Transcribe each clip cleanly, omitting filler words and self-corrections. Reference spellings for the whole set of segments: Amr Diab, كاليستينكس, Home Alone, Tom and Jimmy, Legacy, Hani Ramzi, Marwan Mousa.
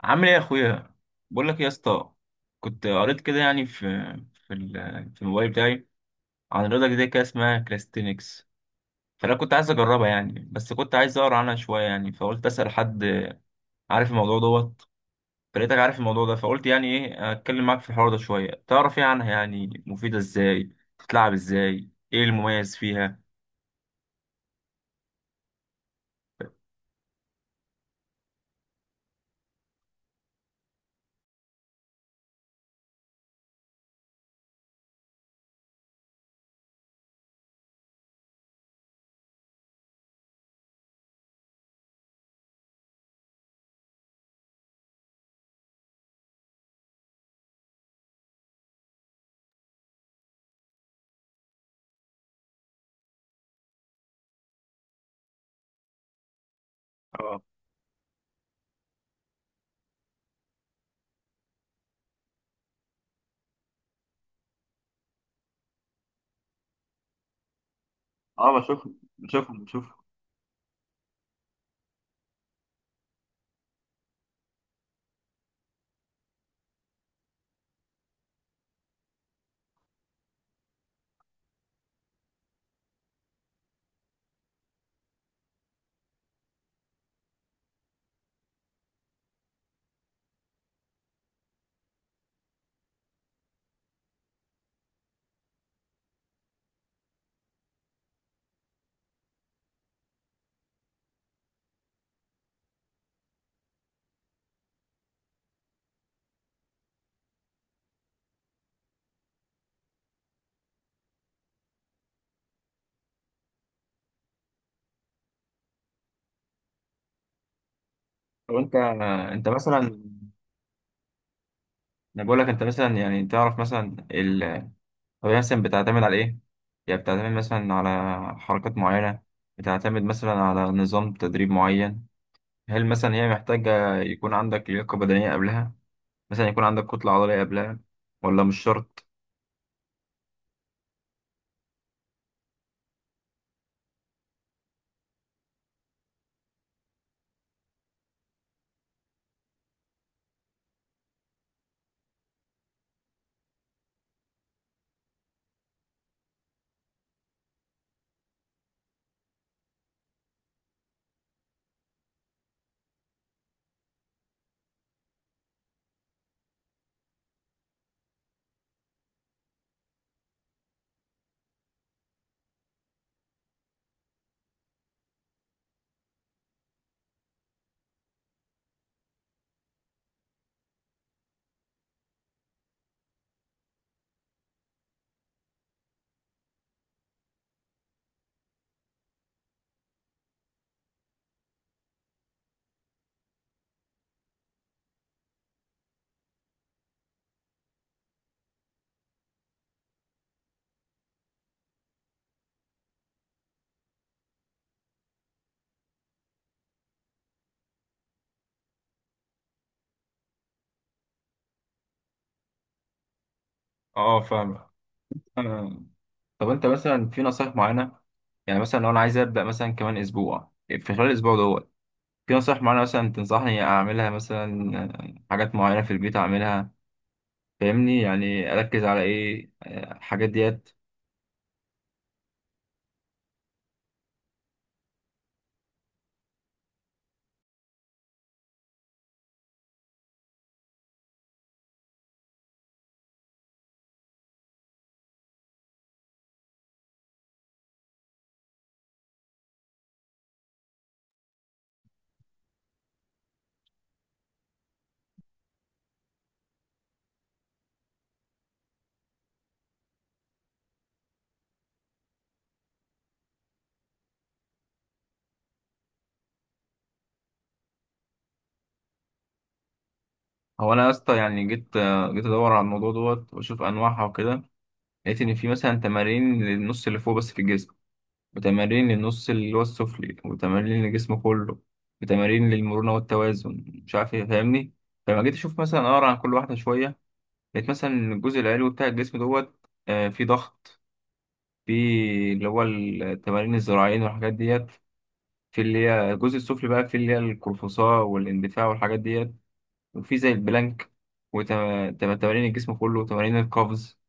عامل ايه يا اخويا؟ بقول لك يا اسطى، كنت قريت كده يعني في الموبايل بتاعي عن رياضه جديده كده اسمها كلاستينكس. فانا كنت عايز اجربها يعني، بس كنت عايز اقرا عنها شويه يعني، فقلت اسال حد عارف الموضوع دوت. فلقيتك عارف الموضوع ده، فقلت يعني ايه، اتكلم معاك في الحوار ده شويه، تعرف ايه عنها؟ يعني مفيده ازاي؟ بتتلعب ازاي؟ ايه المميز فيها؟ اه. اه بشوف. بشوف. طب انت مثلا، انا بقول لك، انت مثلا يعني تعرف مثلا؟ طب هي مثلا بتعتمد على إيه؟ يعني بتعتمد مثلا على حركات معينة؟ بتعتمد مثلا على نظام تدريب معين؟ هل مثلا هي محتاجة يكون عندك لياقة بدنية قبلها؟ مثلا يكون عندك كتلة عضلية قبلها، ولا مش شرط؟ اه، فاهم. آه، طب انت مثلا في نصائح معينة؟ يعني مثلا لو انا عايز ابدأ مثلا كمان اسبوع، في خلال الاسبوع دوت في نصائح معينة مثلا تنصحني اعملها؟ مثلا حاجات معينة في البيت اعملها، فاهمني؟ يعني اركز على ايه، الحاجات ديت؟ هو انا يا اسطى يعني جيت ادور على الموضوع دوت واشوف انواعها وكده، لقيت ان في مثلا تمارين للنص اللي فوق بس في الجسم، وتمارين للنص اللي هو السفلي، وتمارين للجسم كله، وتمارين للمرونه والتوازن مش عارف ايه، فاهمني؟ فلما جيت اشوف مثلا اقرا عن كل واحده شويه، لقيت مثلا إن الجزء العلوي بتاع الجسم دوت في ضغط، في اللي هو التمارين الذراعين والحاجات ديت، في اللي هي الجزء السفلي بقى في اللي هي القرفصاء والاندفاع والحاجات ديت، وفي زي البلانك، وتمارين الجسم كله، وتمارين القفز.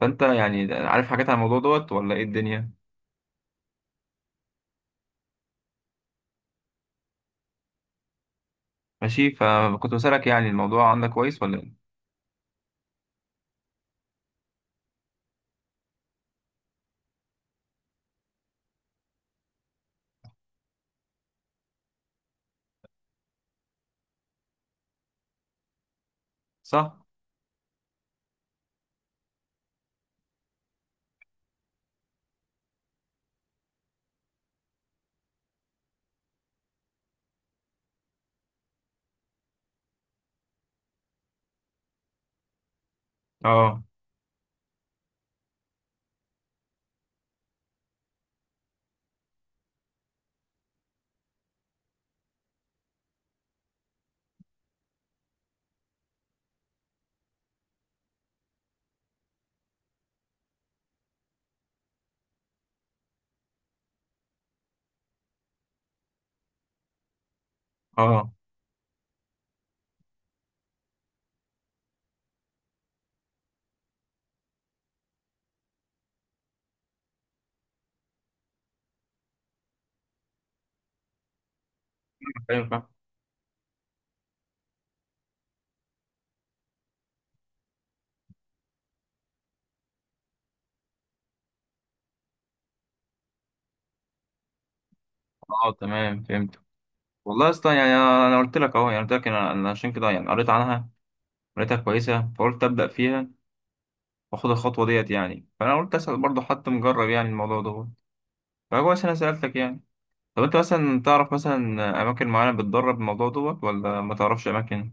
فانت يعني عارف حاجات عن الموضوع دوت ولا ايه الدنيا؟ ماشي، فكنت بسألك يعني الموضوع عندك كويس ولا ايه. صح. اه. اه، فاهم. اه تمام، فهمت. والله اصلا يعني انا قلت لك اهو، يعني قلت لك، انا عشان كده يعني قريت عنها، قريتها كويسه فقلت ابدا فيها واخد الخطوه ديت يعني. فانا قلت اسال برضه حد مجرب يعني الموضوع دوت، فكويس انا سالتك يعني. طب انت مثلا تعرف مثلا اماكن معينه بتدرب الموضوع دوت، ولا ما تعرفش اماكن؟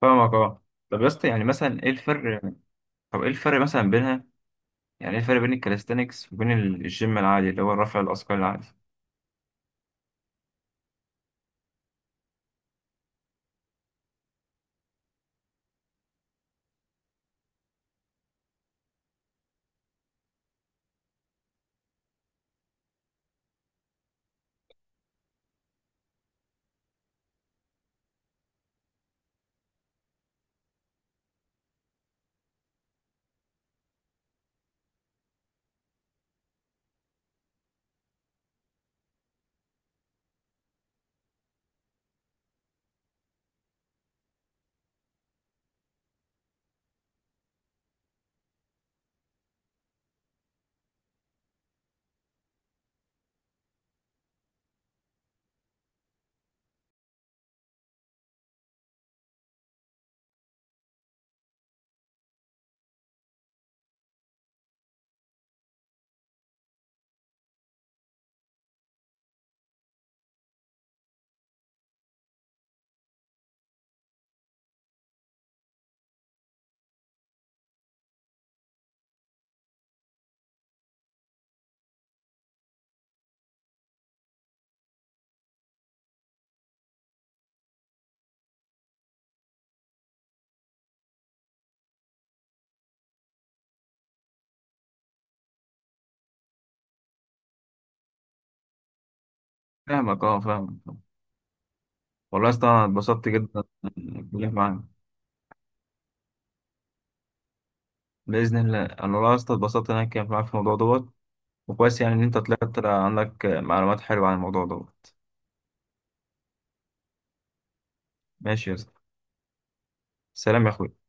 فاهمك، اه. طب يا اسطى يعني مثلا ايه الفرق؟ طب ايه الفرق مثلا بينها؟ يعني ايه الفرق بين الكاليستانكس وبين ال- الجيم العادي اللي هو الرفع الاثقال العادي؟ فاهمك، اه، فاهمك. والله يا اسطى انا اتبسطت جدا بالكلام معاك. باذن الله. انا والله يا اسطى اتبسطت ان انا اتكلمت معاك في الموضوع دوت، وكويس يعني ان انت طلعت طلع عندك معلومات حلوه عن الموضوع دوت. ماشي يا اسطى. سلام يا اخوي.